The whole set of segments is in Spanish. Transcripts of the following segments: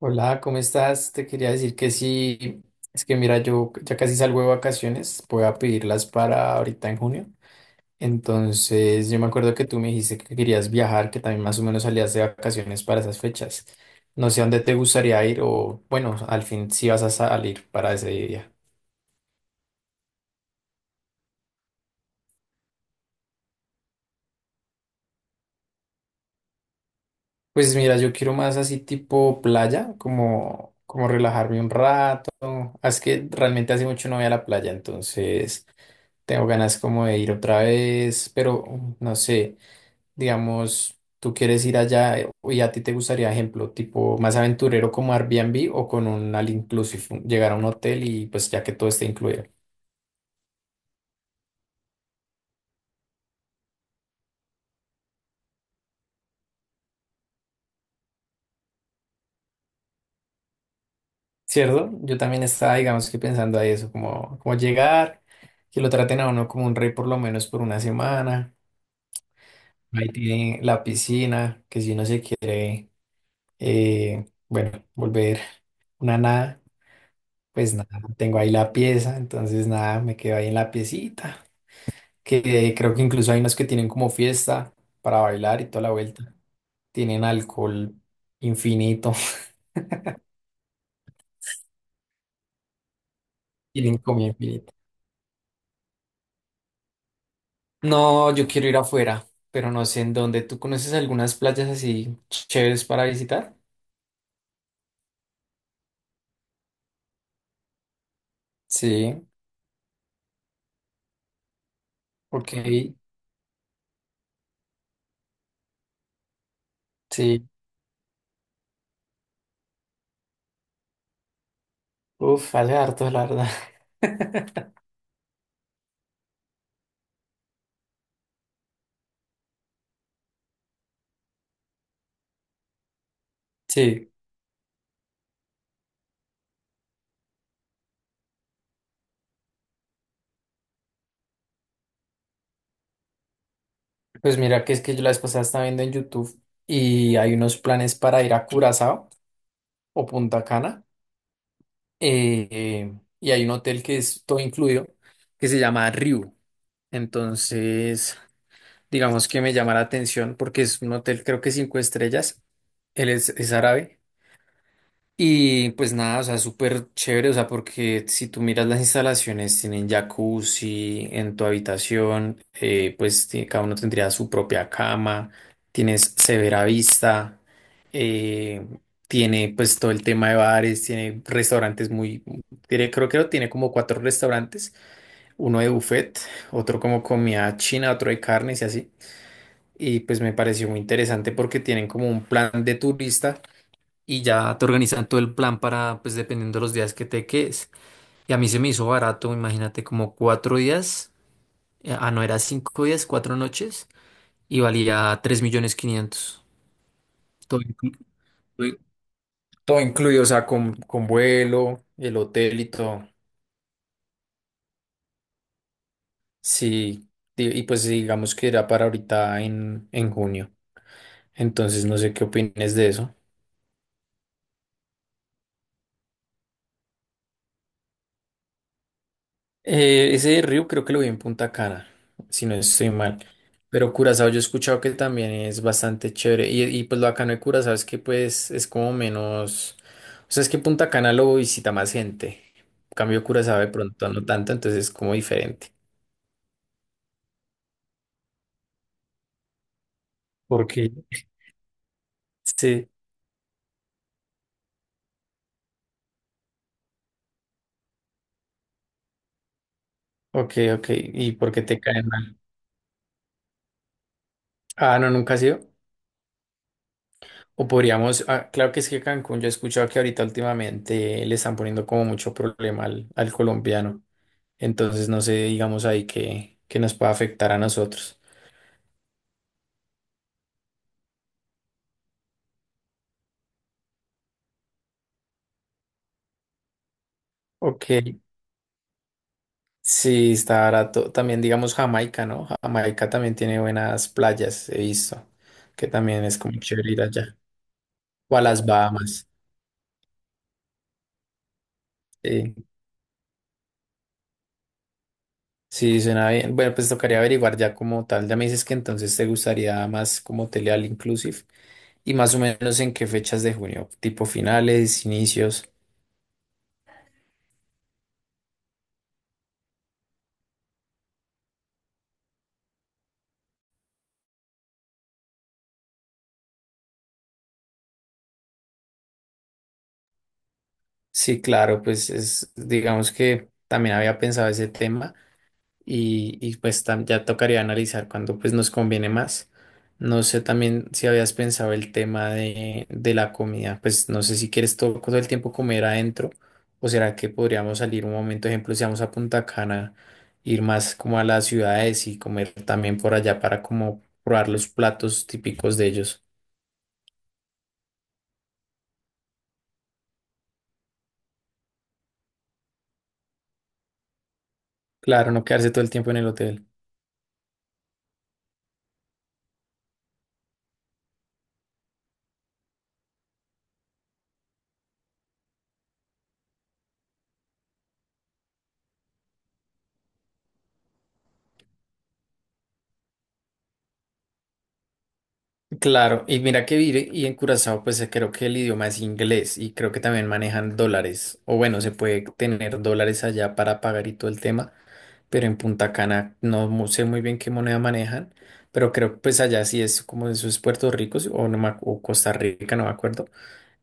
Hola, ¿cómo estás? Te quería decir que sí, es que mira, yo ya casi salgo de vacaciones, voy a pedirlas para ahorita en junio. Entonces, yo me acuerdo que tú me dijiste que querías viajar, que también más o menos salías de vacaciones para esas fechas. No sé a dónde te gustaría ir o, bueno, al fin si vas a salir para ese día. Pues mira, yo quiero más así tipo playa, como relajarme un rato. Ah, es que realmente hace mucho no voy a la playa, entonces. Tengo ganas como de ir otra vez, pero no sé, digamos, tú quieres ir allá, y a ti te gustaría, ejemplo, tipo más aventurero como Airbnb o con un all inclusive, llegar a un hotel y pues ya que todo esté incluido. ¿Cierto? Yo también estaba, digamos que pensando a eso, como llegar, que lo traten a uno como un rey por lo menos por una semana. Ahí tiene la piscina, que si uno se quiere, bueno, volver una nada. Pues nada, tengo ahí la pieza, entonces nada, me quedo ahí en la piecita, que creo que incluso hay unos que tienen como fiesta para bailar y toda la vuelta. Tienen alcohol infinito, tienen comida infinita. No, yo quiero ir afuera, pero no sé en dónde. ¿Tú conoces algunas playas así chéveres para visitar? Sí, ok, sí. Uf, hace harto, la verdad. Sí, pues mira que es que yo la vez pasada estaba viendo en YouTube y hay unos planes para ir a Curazao o Punta Cana. eh, y hay un hotel que es todo incluido, que se llama Ryu. Entonces, digamos que me llama la atención porque es un hotel creo que 5 estrellas. Él es árabe y pues nada, o sea, súper chévere, o sea, porque si tú miras las instalaciones, tienen jacuzzi en tu habitación, pues cada uno tendría su propia cama, tienes severa vista, eh, tiene pues todo el tema de bares, tiene restaurantes creo que tiene como cuatro restaurantes, uno de buffet, otro como comida china, otro de carnes y así. Y pues me pareció muy interesante porque tienen como un plan de turista y ya te organizan todo el plan para, pues dependiendo de los días que te quedes. Y a mí se me hizo barato, imagínate, como 4 días, no, era 5 días, 4 noches, y valía 3.500.000. Todo Todo incluido, o sea, con vuelo, el hotel y todo. Sí, y pues digamos que era para ahorita en junio. Entonces no sé qué opines de eso. Ese de Ryu creo que lo vi en Punta Cana, si no estoy mal. Pero Curazao yo he escuchado que también es bastante chévere. Y pues lo bacano de Curazao es que pues es como menos. O sea, es que Punta Cana lo visita más gente. En cambio Curazao de pronto no tanto, entonces es como diferente. Porque sí, ok, ok. ¿Y por qué te cae mal? Ah, no, nunca ha sido. O podríamos, ah, claro que es que Cancún, yo he escuchado que ahorita últimamente le están poniendo como mucho problema al colombiano. Entonces no sé, digamos ahí que nos pueda afectar a nosotros. Ok, sí, está barato. También digamos Jamaica, ¿no? Jamaica también tiene buenas playas, he visto, que también es como chévere ir allá. O a las Bahamas. Sí, sí, suena bien. Bueno, pues tocaría averiguar ya como tal. Ya me dices que entonces te gustaría más como hotel all inclusive y más o menos en qué fechas de junio, tipo finales, inicios. Sí, claro, pues es, digamos que también había pensado ese tema. Y, pues ya tocaría analizar cuándo pues nos conviene más. No sé también si habías pensado el tema de la comida, pues no sé si quieres todo, todo el tiempo comer adentro o será que podríamos salir un momento, ejemplo, si vamos a Punta Cana, ir más como a las ciudades y comer también por allá para como probar los platos típicos de ellos. Claro, no quedarse todo el tiempo en el hotel. Claro, y mira que vive y en Curazao pues creo que el idioma es inglés y creo que también manejan dólares o bueno, se puede tener dólares allá para pagar y todo el tema, pero en Punta Cana no sé muy bien qué moneda manejan, pero creo que pues allá sí es como eso es Puerto Rico sí, o, no me o Costa Rica, no me acuerdo,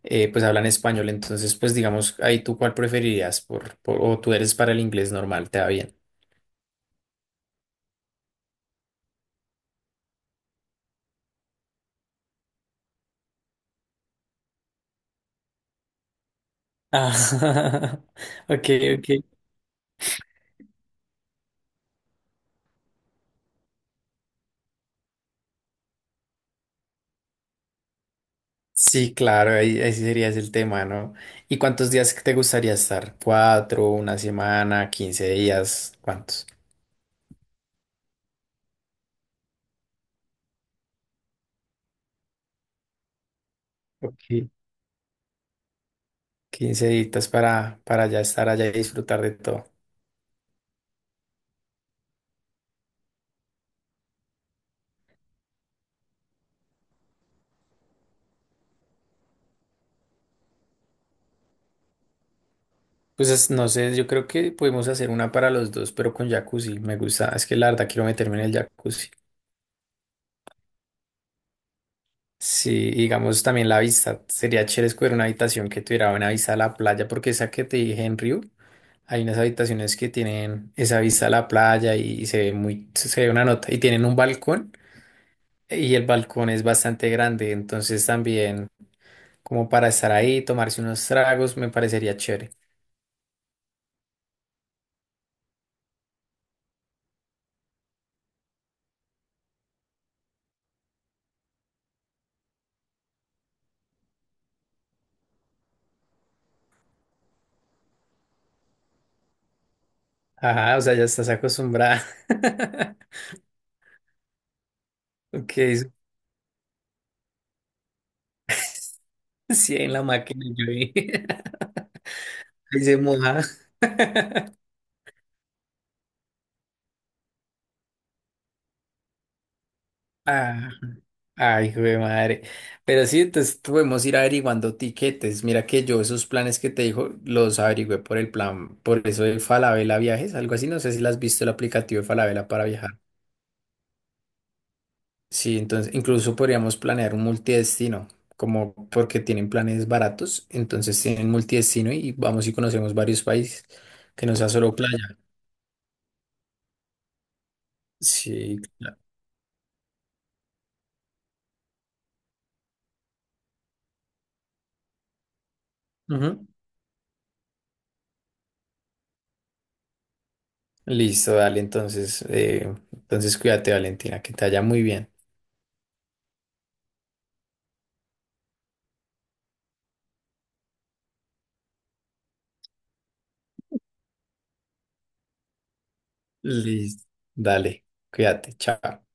pues hablan español, entonces pues digamos ahí tú cuál preferirías o tú eres para el inglés normal, te va bien. Ah, ok, ok. Sí, claro, ahí sí sería ese el tema, ¿no? ¿Y cuántos días te gustaría estar? ¿Cuatro, una semana, 15 días? ¿Cuántos? Ok. 15 días para ya estar allá y disfrutar de todo. Pues no sé, yo creo que podemos hacer una para los dos, pero con jacuzzi. Me gusta, es que la verdad quiero meterme en el jacuzzi. Sí, digamos también la vista. Sería chévere escoger una habitación que tuviera buena vista a la playa, porque esa que te dije en Río. Hay unas habitaciones que tienen esa vista a la playa y se ve una nota. Y tienen un balcón y el balcón es bastante grande. Entonces también como para estar ahí, tomarse unos tragos, me parecería chévere. Ajá, o sea, ya estás acostumbrada. Ok, sí, en la máquina yo vi. Ahí se moja. Ah, ay, güey, madre. Pero sí, entonces podemos ir averiguando tiquetes. Mira que yo esos planes que te dijo los averigüé por el plan, por eso de Falabella Viajes, algo así. No sé si las has visto el aplicativo de Falabella para viajar. Sí, entonces incluso podríamos planear un multidestino, como porque tienen planes baratos, entonces tienen multidestino y vamos y conocemos varios países, que no sea solo playa. Sí, claro. Ujú. Listo, dale, entonces, entonces cuídate, Valentina, que te vaya muy bien. Listo. Dale, cuídate, chao.